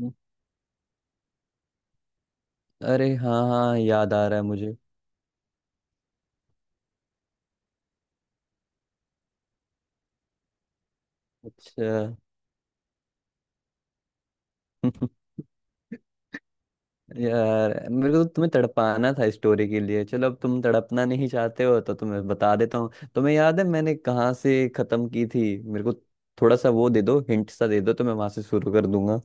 हम्म, अरे हाँ हाँ, याद आ रहा है मुझे। अच्छा। यार मेरे को तो तुम्हें तड़पाना था स्टोरी के लिए। चलो, अब तुम तड़पना नहीं चाहते हो तो तुम्हें बता देता हूँ। तुम्हें याद है मैंने कहाँ से खत्म की थी? मेरे को थोड़ा सा वो दे दो, हिंट सा दे दो तो मैं वहां से शुरू कर दूंगा।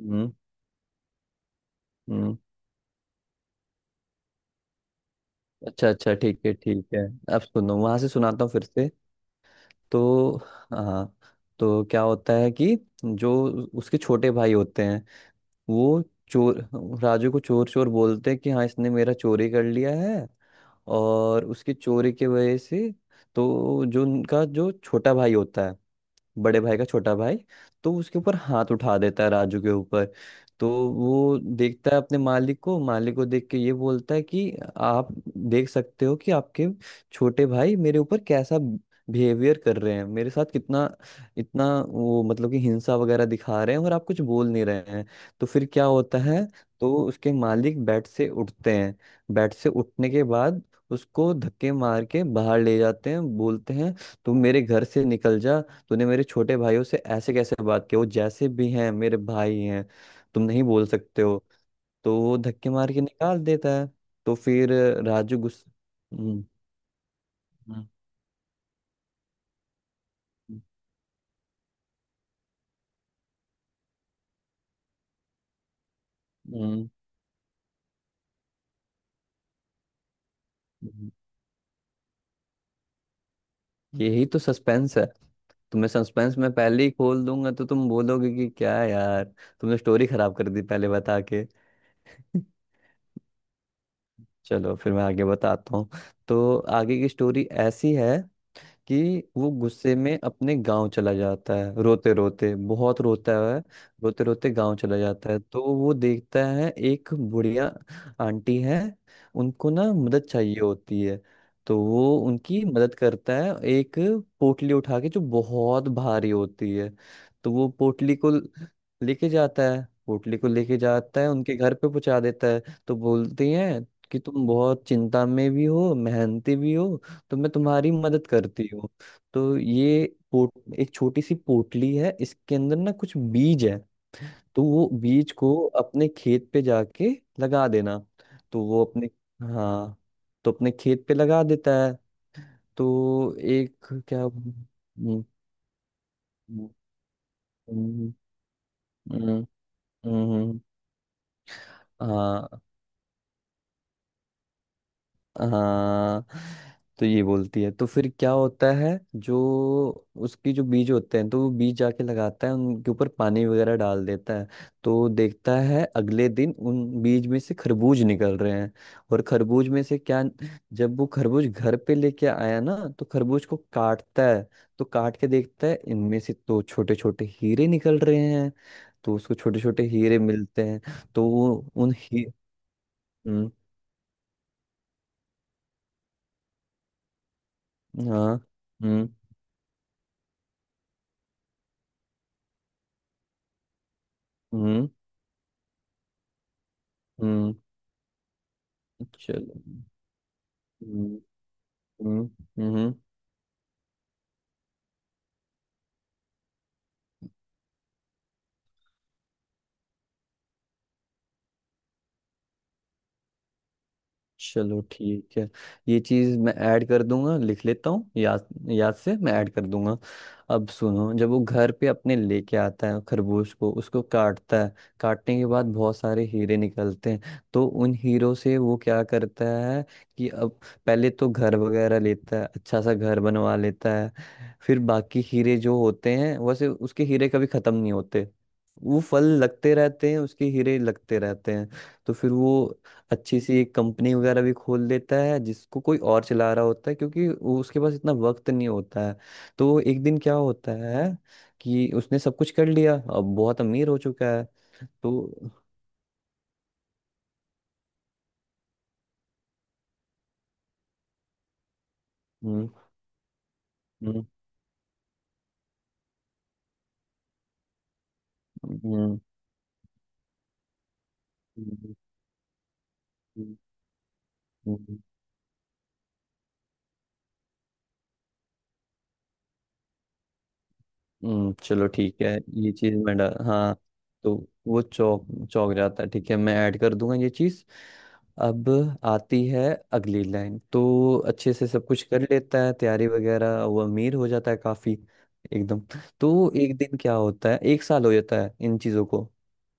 हम्म हम्म अच्छा अच्छा, ठीक है ठीक है। अब सुनो, वहां से सुनाता हूँ फिर से। तो हाँ, तो क्या होता है कि जो उसके छोटे भाई होते हैं, वो चोर राजू को चोर चोर बोलते हैं कि हाँ, इसने मेरा चोरी कर लिया है। और उसकी चोरी की वजह से, तो जो उनका जो छोटा भाई होता है, बड़े भाई का छोटा भाई, तो उसके ऊपर हाथ उठा देता है, राजू के ऊपर। तो वो देखता है अपने मालिक को, मालिक को देख के ये बोलता है कि आप देख सकते हो कि आपके छोटे भाई मेरे ऊपर कैसा बिहेवियर कर रहे हैं, मेरे साथ कितना इतना वो मतलब कि हिंसा वगैरह दिखा रहे हैं और आप कुछ बोल नहीं रहे हैं। तो फिर क्या होता है, तो उसके मालिक बेड से उठते हैं। बेड से उठने के बाद उसको धक्के मार के बाहर ले जाते हैं, बोलते हैं तुम मेरे घर से निकल जा, तूने मेरे छोटे भाइयों से ऐसे कैसे बात की, वो जैसे भी हैं मेरे भाई हैं, तुम नहीं बोल सकते हो। तो वो धक्के मार के निकाल देता है। तो फिर राजू गुस्सा। हम्म हम्म, हम्म, हम्म। हम्म। यही तो सस्पेंस है। तुम्हें सस्पेंस मैं पहले ही खोल दूंगा तो तुम बोलोगे कि क्या यार, तुमने स्टोरी खराब कर दी पहले बता के। चलो फिर मैं आगे बताता हूँ। तो आगे की स्टोरी ऐसी है कि वो गुस्से में अपने गांव चला जाता है, रोते रोते बहुत रोता है। रोते रोते गांव चला जाता है तो वो देखता है एक बुढ़िया आंटी है। उनको ना मदद चाहिए होती है, तो वो उनकी मदद करता है, एक पोटली उठा के जो बहुत भारी होती है। तो वो पोटली को लेके जाता है, पोटली को लेके जाता है उनके घर पे पहुंचा देता है। तो बोलती हैं कि तुम बहुत चिंता में भी हो, मेहनती भी हो, तो मैं तुम्हारी मदद करती हूँ। तो ये पोट, एक छोटी सी पोटली है, इसके अंदर ना कुछ बीज है, तो वो बीज को अपने खेत पे जाके लगा देना। तो वो अपने, हाँ, तो अपने खेत पे लगा देता है। तो एक क्या। हम्म, हम्म, हम्म, हम्म, हाँ हाँ, तो ये बोलती है। तो फिर क्या होता है, जो उसकी जो बीज होते हैं तो वो बीज जाके लगाता है, उनके ऊपर पानी वगैरह डाल देता है। तो देखता है अगले दिन उन बीज में से खरबूज निकल रहे हैं। और खरबूज में से क्या, जब वो खरबूज घर पे लेके आया ना तो खरबूज को काटता है। तो काट के देखता है इनमें से तो छोटे छोटे हीरे निकल रहे हैं। तो उसको छोटे छोटे हीरे मिलते हैं। तो वो उन ही। हम्म हाँ। हम्म हम्म हम्म चलो। हम्म हम्म हम्म, चलो ठीक है, ये चीज़ मैं ऐड कर दूंगा, लिख लेता हूँ, याद याद से मैं ऐड कर दूंगा। अब सुनो, जब वो घर पे अपने लेके आता है खरगोश को, उसको काटता है। काटने के बाद बहुत सारे हीरे निकलते हैं, तो उन हीरो से वो क्या करता है कि अब पहले तो घर वगैरह लेता है, अच्छा सा घर बनवा लेता है। फिर बाकी हीरे जो होते हैं, वैसे उसके हीरे कभी ख़त्म नहीं होते, वो फल लगते रहते हैं, उसके हीरे लगते रहते हैं। तो फिर वो अच्छी सी एक कंपनी वगैरह भी खोल देता है जिसको कोई और चला रहा होता है, क्योंकि उसके पास इतना वक्त नहीं होता है। तो वो एक दिन क्या होता है कि उसने सब कुछ कर लिया, अब बहुत अमीर हो चुका है। तो। हम्म हम्म हम्म हम्म, हम्म, हम्म, हम्म, हम्म। चलो ठीक है, ये चीज मैं डा हाँ। तो वो चौक, चौक जाता है। ठीक है, मैं ऐड कर दूंगा ये चीज। अब आती है अगली लाइन, तो अच्छे से सब कुछ कर लेता है, तैयारी वगैरह, वो अमीर हो जाता है काफी, एकदम। तो एक दिन क्या होता है, एक साल हो जाता है इन चीजों को,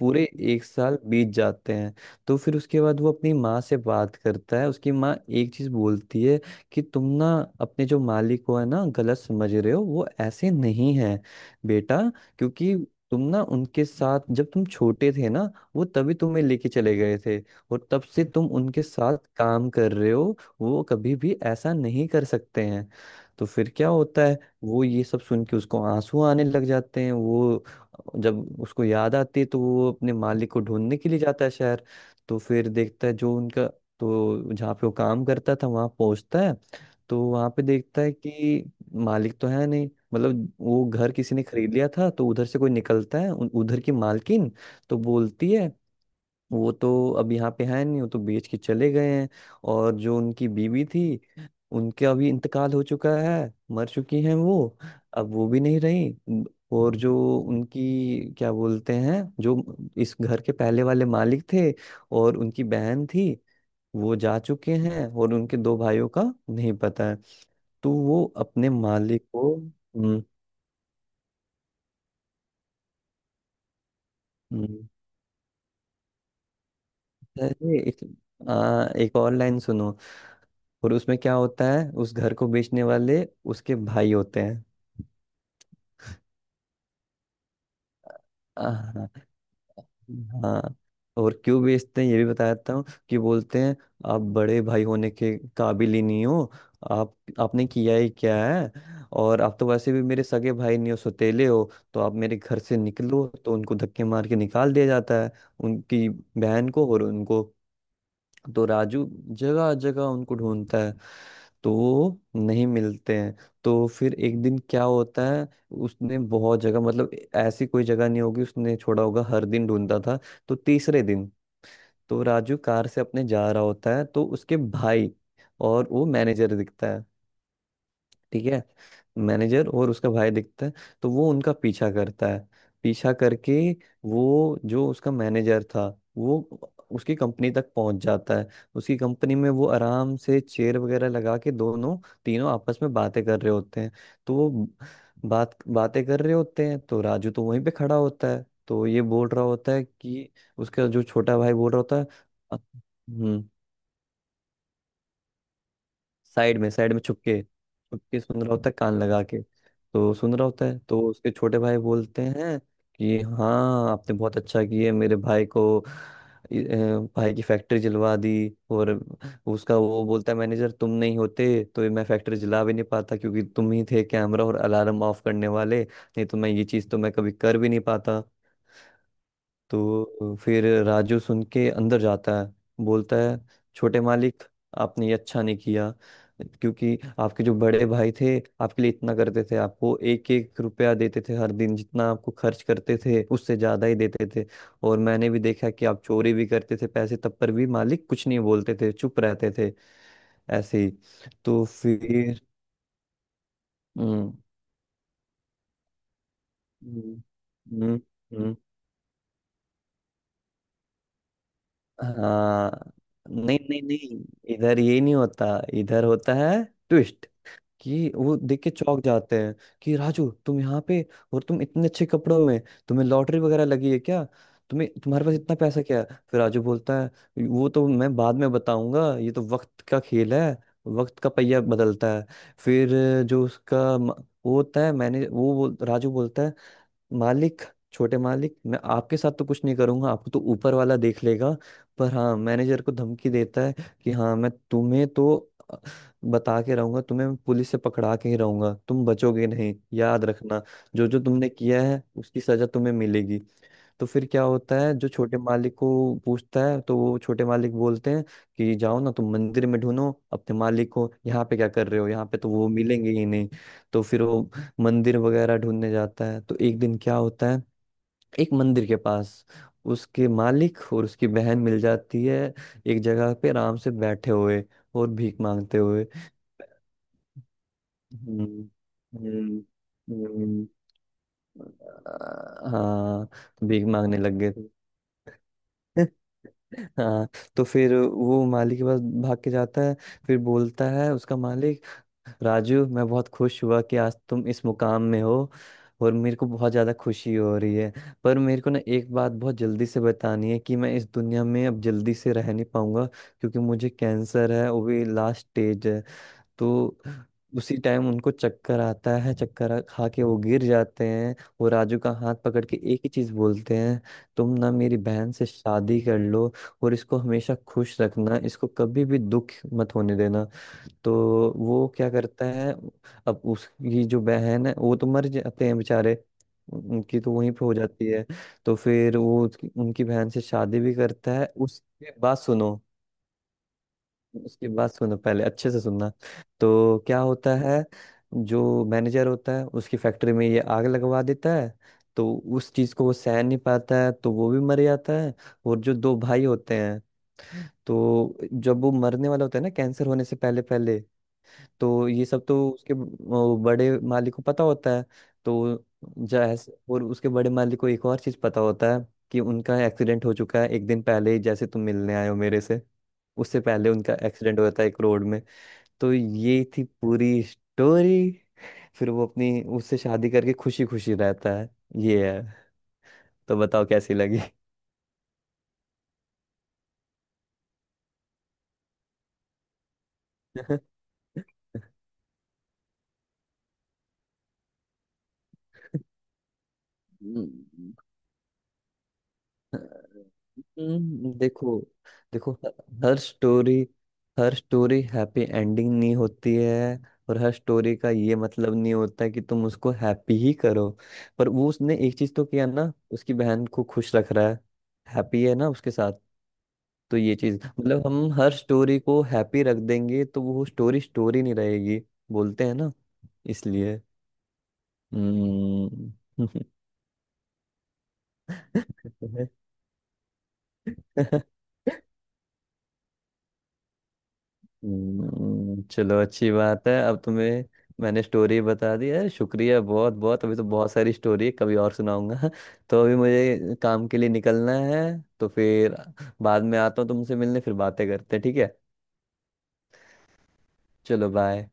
पूरे एक साल बीत जाते हैं। तो फिर उसके बाद वो अपनी माँ से बात करता है। उसकी माँ एक चीज बोलती है कि तुम ना अपने जो मालिक को है ना, गलत समझ रहे हो, वो ऐसे नहीं है बेटा। क्योंकि तुम ना उनके साथ जब तुम छोटे थे ना, वो तभी तुम्हें लेके चले गए थे, और तब से तुम उनके साथ काम कर रहे हो, वो कभी भी ऐसा नहीं कर सकते हैं। तो फिर क्या होता है, वो ये सब सुन के उसको आंसू आने लग जाते हैं। वो, जब उसको याद आती है, तो वो अपने मालिक को ढूंढने के लिए जाता है शहर। तो फिर देखता है जो उनका, तो जहाँ पे वो काम करता था वहाँ पहुँचता है। तो वहाँ पे देखता है कि मालिक तो है नहीं, मतलब वो घर किसी ने खरीद लिया था। तो उधर से कोई निकलता है, उधर की मालकिन, तो बोलती है वो तो अब यहाँ पे है नहीं, वो तो बेच के चले गए हैं। और जो उनकी बीवी थी, उनका भी इंतकाल हो चुका है, मर चुकी हैं वो, अब वो भी नहीं रही। और जो उनकी क्या बोलते हैं, जो इस घर के पहले वाले मालिक थे, और उनकी बहन थी, वो जा चुके हैं। और उनके दो भाइयों का नहीं पता है। तो वो अपने मालिक को। हम्म अरे एक और लाइन सुनो, और उसमें क्या होता है, उस घर को बेचने वाले उसके भाई होते हैं। हाँ हाँ, और क्यों बेचते हैं ये भी बताता हूँ, कि बोलते हैं आप बड़े भाई होने के काबिल ही नहीं हो, आप, आपने किया ही क्या है। और आप तो वैसे भी मेरे सगे भाई नहीं हो, सौतेले हो, तो आप मेरे घर से निकलो। तो उनको धक्के मार के निकाल दिया जाता है, उनकी बहन को और उनको। तो राजू जगह जगह उनको ढूंढता है, तो वो नहीं मिलते हैं। तो फिर एक दिन क्या होता है, उसने बहुत जगह, मतलब ऐसी कोई जगह नहीं होगी उसने छोड़ा होगा, हर दिन ढूंढता था। तो तीसरे दिन, तो राजू कार से अपने जा रहा होता है, तो उसके भाई और वो मैनेजर दिखता है। ठीक है, मैनेजर और उसका भाई दिखता है, तो वो उनका पीछा करता है। पीछा करके, वो जो उसका मैनेजर था, वो उसकी कंपनी तक पहुंच जाता है। उसकी कंपनी में वो आराम से चेयर वगैरह लगा के दोनों तीनों आपस में बातें कर रहे होते हैं। तो वो बातें कर रहे होते हैं। तो राजू तो वहीं पे खड़ा होता है, तो ये बोल रहा होता है कि, उसका जो छोटा भाई बोल रहा होता है "अ- हम्म साइड में छुपके छुपके सुन रहा होता है कान लगा के। तो सुन रहा होता है, तो उसके छोटे भाई बोलते हैं कि हाँ आपने बहुत अच्छा किया, मेरे भाई को इ- अ, भाई की फैक्ट्री जलवा दी। और उसका वो बोलता है, मैनेजर तुम नहीं होते तो ये मैं फैक्ट्री जला भी नहीं पाता, क्योंकि तुम ही थे कैमरा और अलार्म ऑफ करने वाले, नहीं तो मैं ये चीज़ तो मैं कभी कर भी नहीं पाता। तो फिर राजू सुन के अंदर जाता है, बोलता है छोटे मालिक, आपने ये अच्छा नहीं किया। क्योंकि आपके जो बड़े भाई थे, आपके लिए इतना करते थे, आपको एक एक रुपया देते थे हर दिन, जितना आपको खर्च करते थे उससे ज़्यादा ही देते थे। और मैंने भी देखा कि आप चोरी भी करते थे पैसे, तब पर भी मालिक कुछ नहीं बोलते थे, चुप रहते थे ऐसे ही। तो फिर। हम्म हम्म हम्म हम्म। हाँ, नहीं नहीं नहीं, इधर ये नहीं होता, इधर होता है ट्विस्ट, कि वो देख के चौंक जाते हैं कि राजू तुम यहाँ पे, और तुम इतने अच्छे कपड़ों में, तुम्हें लॉटरी वगैरह लगी है क्या? तुम्हें, तुम्हारे पास इतना पैसा क्या है? फिर राजू बोलता है, वो तो मैं बाद में बताऊंगा, ये तो वक्त का खेल है, वक्त का पहिया बदलता है। फिर जो उसका वो होता है, मैंने वो बोल, राजू बोलता है मालिक, छोटे मालिक, मैं आपके साथ तो कुछ नहीं करूंगा, आपको तो ऊपर वाला देख लेगा। पर हाँ, मैनेजर को धमकी देता है कि हाँ, मैं तुम्हें तो अ, बता के रहूंगा, तुम्हें मैं पुलिस से पकड़ा के ही रहूंगा, तुम बचोगे नहीं, याद रखना। जो जो तुमने किया है उसकी सजा तुम्हें मिलेगी। तो फिर क्या होता है, जो छोटे मालिक को पूछता है, तो वो छोटे मालिक बोलते हैं कि जाओ ना तुम मंदिर में ढूंढो अपने मालिक को, यहाँ पे क्या कर रहे हो, यहाँ पे तो वो मिलेंगे ही नहीं। तो फिर वो मंदिर वगैरह ढूंढने जाता है, तो एक दिन क्या होता है, एक मंदिर के पास उसके मालिक और उसकी बहन मिल जाती है, एक जगह पे आराम से बैठे हुए, और भीख मांगते हुए। हम्म हम्म हम्म, हाँ, भीख मांगने लग गए थे। हाँ, तो फिर वो माली के पास भाग के जाता है, फिर बोलता है उसका मालिक, राजू मैं बहुत खुश हुआ कि आज तुम इस मुकाम में हो, और मेरे को बहुत ज़्यादा खुशी हो रही है। पर मेरे को ना एक बात बहुत जल्दी से बतानी है, कि मैं इस दुनिया में अब जल्दी से रह नहीं पाऊंगा, क्योंकि मुझे कैंसर है, वो भी लास्ट स्टेज है। तो उसी टाइम उनको चक्कर आता है, खा के वो गिर जाते हैं। वो राजू का हाथ पकड़ के एक ही चीज बोलते हैं, तुम ना मेरी बहन से शादी कर लो, और इसको हमेशा खुश रखना, इसको कभी भी दुख मत होने देना। तो वो क्या करता है, अब उसकी जो बहन है, वो तो मर जाते हैं बेचारे, उनकी तो वहीं पे हो जाती है। तो फिर वो उनकी बहन से शादी भी करता है। उसके बाद सुनो, उसकी बात सुनो पहले अच्छे से सुनना। तो क्या होता है, जो मैनेजर होता है उसकी फैक्ट्री में ये आग लगवा देता है, तो उस चीज को वो सह नहीं पाता है, तो वो भी मर जाता है। और जो दो भाई होते हैं, तो जब वो मरने वाला होता है ना, कैंसर होने से पहले पहले, तो ये सब तो उसके वो बड़े मालिक को पता होता है। तो जैसे, और उसके बड़े मालिक को एक और चीज पता होता है कि उनका एक्सीडेंट हो चुका है एक दिन पहले ही, जैसे तुम मिलने आए हो मेरे से, उससे पहले उनका एक्सीडेंट हो जाता है एक रोड में। तो ये थी पूरी स्टोरी, फिर वो अपनी उससे शादी करके खुशी खुशी रहता है। ये है, तो बताओ कैसी लगी। हम्म, देखो, देखो ह- हर स्टोरी, हर स्टोरी हैप्पी एंडिंग नहीं होती है। और हर स्टोरी का ये मतलब नहीं होता है कि तुम उसको हैप्पी ही करो। पर वो उसने एक चीज तो किया ना, उसकी बहन को खुश रख रहा है, हैप्पी है ना उसके साथ। तो ये चीज, मतलब हम हर स्टोरी को हैप्पी रख देंगे तो वो स्टोरी स्टोरी नहीं रहेगी, बोलते हैं ना, इसलिए। हम्म। चलो अच्छी बात है, अब तुम्हें, मैंने स्टोरी बता दी है, शुक्रिया बहुत बहुत। अभी तो बहुत सारी स्टोरी है, कभी और सुनाऊंगा। तो अभी मुझे काम के लिए निकलना है, तो फिर बाद में आता हूँ तुमसे मिलने, फिर बातें करते हैं, ठीक है। चलो बाय।